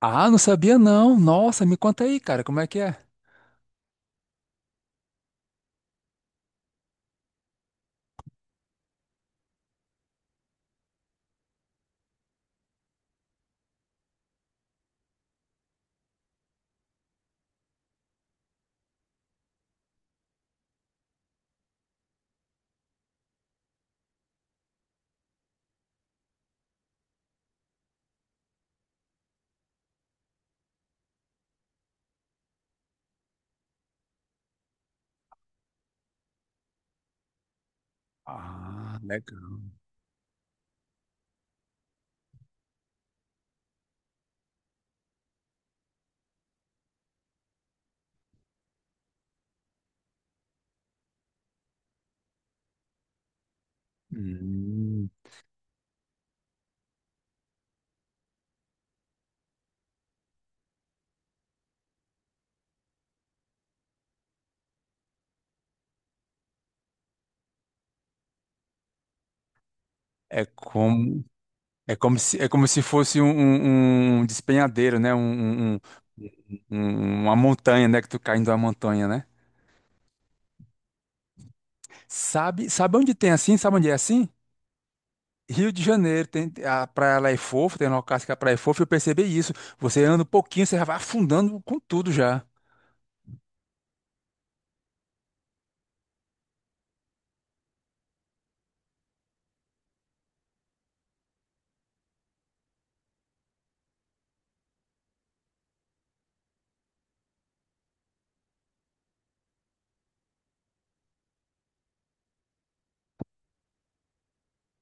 Ah, não sabia não. Nossa, me conta aí, cara, como é que é? Ah, legal. Hum, é como é como se fosse um despenhadeiro, né? Uma montanha, né? Que tu caindo uma montanha, né? Sabe onde tem assim? Sabe onde é assim? Rio de Janeiro tem a praia lá é fofa, tem locais que a praia é fofa. Eu percebi isso. Você anda um pouquinho, você já vai afundando com tudo já.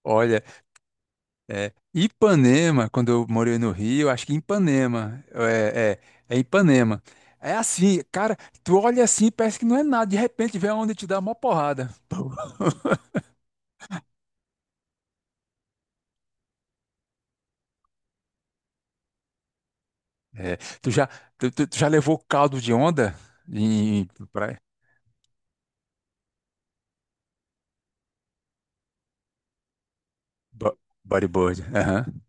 Olha. É, Ipanema, quando eu morei no Rio, acho que Ipanema, é Ipanema. É assim, cara, tu olha assim, e parece que não é nada, de repente vem a onda e te dá uma porrada. Pô. É, tu já, tu já levou caldo de onda em praia? Bo- Bodyboard, aham.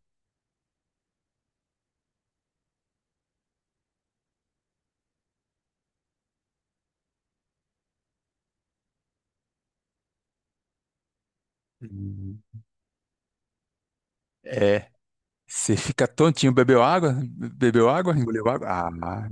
Hum. É, você fica tontinho, bebeu água? Bebeu água? Engoliu água? Ah,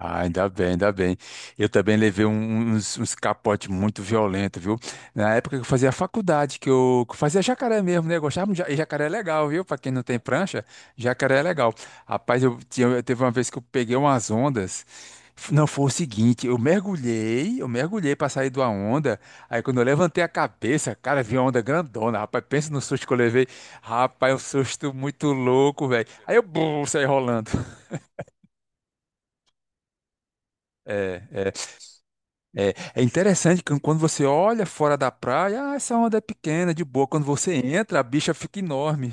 Ah, ainda bem, ainda bem. Eu também levei uns capotes muito violentos, viu? Na época que eu fazia faculdade, que eu fazia jacaré mesmo, né? Eu gostava de e jacaré é legal, viu? Pra quem não tem prancha, jacaré é legal. Rapaz, teve uma vez que eu peguei umas ondas. Não, foi o seguinte, eu mergulhei pra sair de uma onda. Aí quando eu levantei a cabeça, cara, vi uma onda grandona. Rapaz, pensa no susto que eu levei. Rapaz, um susto muito louco, velho. Aí eu bum, saí rolando. É. É. É, é interessante que quando você olha fora da praia, ah, essa onda é pequena, de boa. Quando você entra, a bicha fica enorme.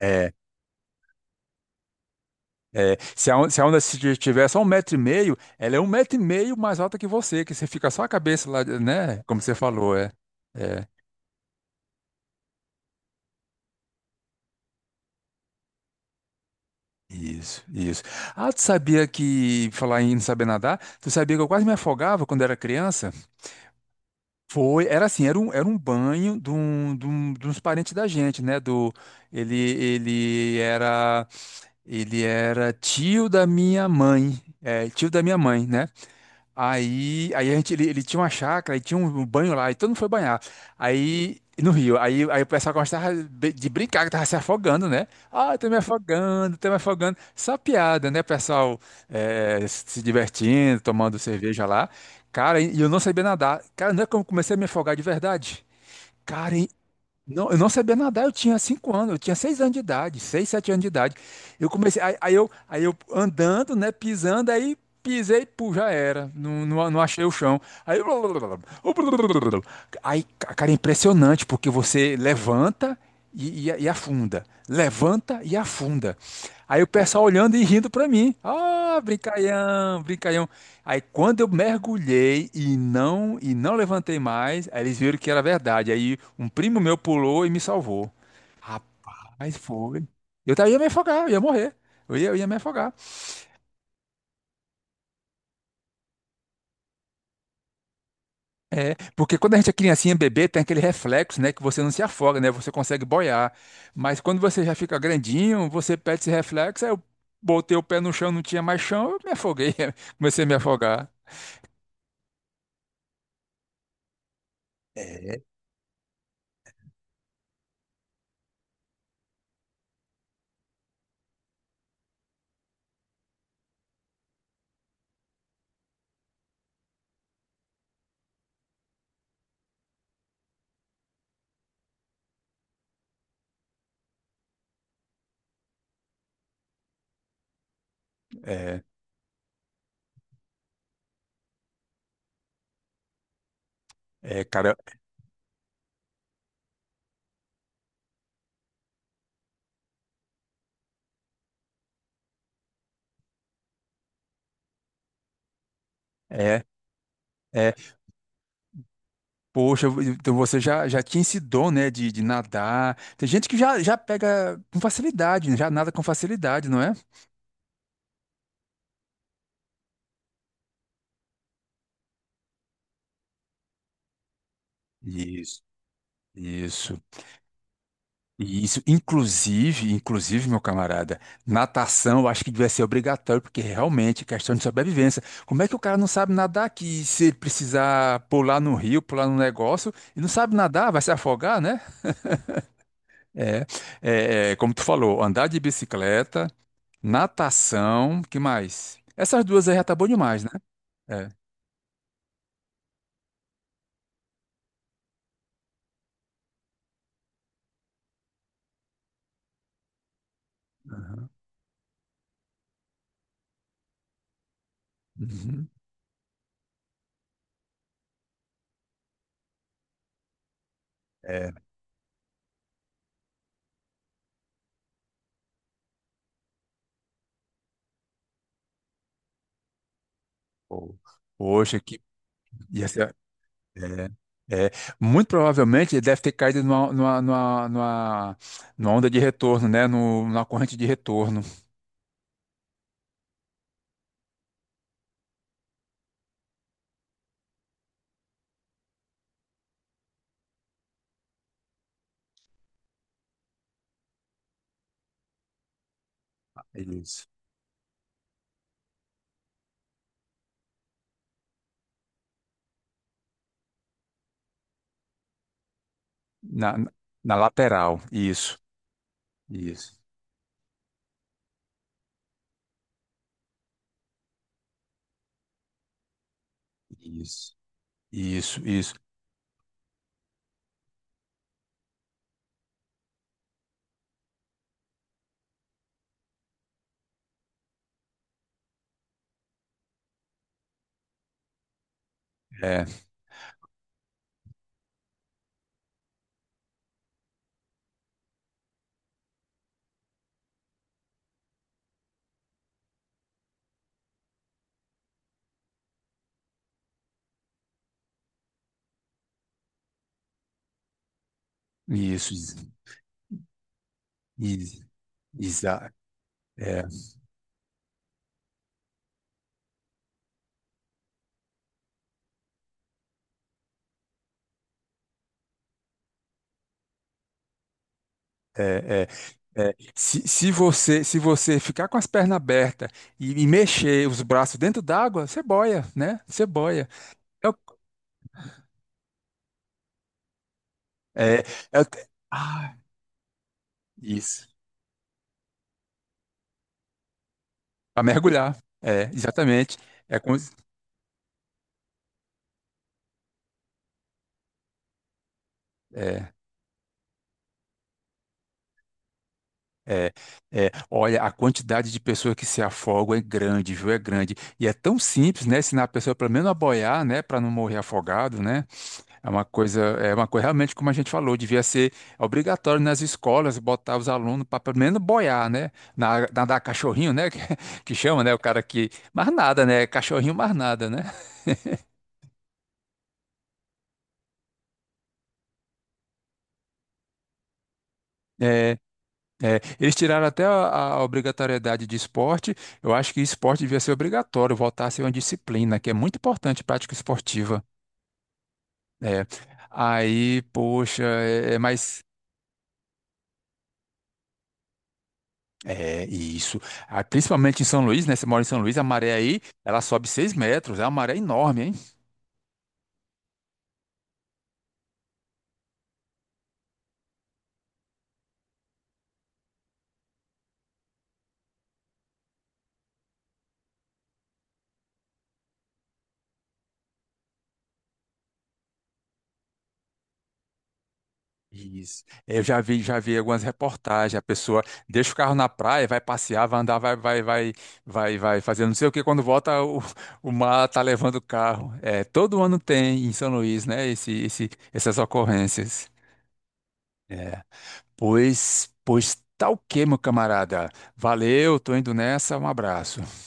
É, é, se a onda, se a onda se só 1,5 m, ela é um metro e meio mais alta que você fica só a cabeça lá, né? Como você falou, é. É, isso, isso. Ah, tu sabia que, falar em não saber nadar, tu sabia que eu quase me afogava quando era criança? Foi, era assim, era um banho de uns parentes da gente, né? Ele, ele era, ele era tio da minha mãe, é, tio da minha mãe, né? Aí, ele tinha uma chácara, e tinha um banho lá, e todo mundo foi banhar. Aí, no rio, aí o pessoal gostava de brincar, que tava se afogando, né? Ah, tô me afogando, tô me afogando. Só piada, né? O pessoal se divertindo, tomando cerveja lá. Cara, e eu não sabia nadar. Cara, não é como eu comecei a me afogar de verdade. Cara, não, eu não sabia nadar, eu tinha 5 anos, eu tinha 6 anos de idade, seis, sete anos de idade. Eu comecei, aí eu andando, né, pisando, aí pisei, pô, já era, não, não, não achei o chão. Aí, aí, cara, é impressionante, porque você levanta e afunda. Levanta e afunda. Aí o pessoal olhando e rindo para mim. Ah, brincalhão, brincalhão. Aí quando eu mergulhei e não levantei mais, aí eles viram que era verdade. Aí um primo meu pulou e me salvou. Rapaz, foi. Ia me afogar, eu ia morrer. Eu ia me afogar. É, porque quando a gente é criancinha, bebê, tem aquele reflexo, né, que você não se afoga, né, você consegue boiar. Mas quando você já fica grandinho, você perde esse reflexo, aí eu botei o pé no chão, não tinha mais chão, eu me afoguei, comecei a me afogar. É, é, é, cara, é, é. Poxa, então você já tinha esse dom, né, de nadar. Tem gente que já pega com facilidade, né, já nada com facilidade, não é? Isso. Isso. E isso, inclusive, meu camarada, natação eu acho que devia ser obrigatório, porque realmente é questão de sobrevivência. Como é que o cara não sabe nadar que se ele precisar pular no rio, pular no negócio, e não sabe nadar, vai se afogar, né? É, é, é, como tu falou, andar de bicicleta, natação, que mais? Essas duas aí já tá bom demais, né? É. Uhum. É, pô. Poxa, que ia ser, é, é, muito provavelmente ele deve ter caído numa onda de retorno, né? No, Numa corrente de retorno. Isso. Na lateral. Isso. Isso. Isso. Isso. Isso. É. Isso. Isso. Exa- É, é, é, é. Se você ficar com as pernas abertas e mexer os braços dentro d'água, você boia, né? Você boia. É, o- é, é o- ah, isso. Para mergulhar. É, exatamente. É, é, é, é. Olha, a quantidade de pessoas que se afogam é grande, viu? É grande. E é tão simples, né? Ensinar a pessoa pelo menos a boiar, né? Para não morrer afogado, né? É uma coisa realmente como a gente falou, devia ser obrigatório nas escolas botar os alunos para pelo menos boiar, né? Nadar cachorrinho, né? Que chama, né? O cara que mais nada, né? Cachorrinho mais nada, né? É, eles tiraram até a obrigatoriedade de esporte. Eu acho que esporte devia ser obrigatório, voltar a ser uma disciplina, que é muito importante, prática esportiva. É. Aí, poxa, é mais. É isso. Ah, principalmente em São Luís, né? Você mora em São Luís, a maré aí, ela sobe 6 m, é uma maré enorme, hein. Isso. Eu já vi algumas reportagens, a pessoa deixa o carro na praia, vai passear, vai andar, vai fazer não sei o que, quando volta o mar tá levando o carro. É, todo ano tem em São Luís, né, essas ocorrências. É. Pois tá o quê, meu camarada? Valeu, tô indo nessa, um abraço.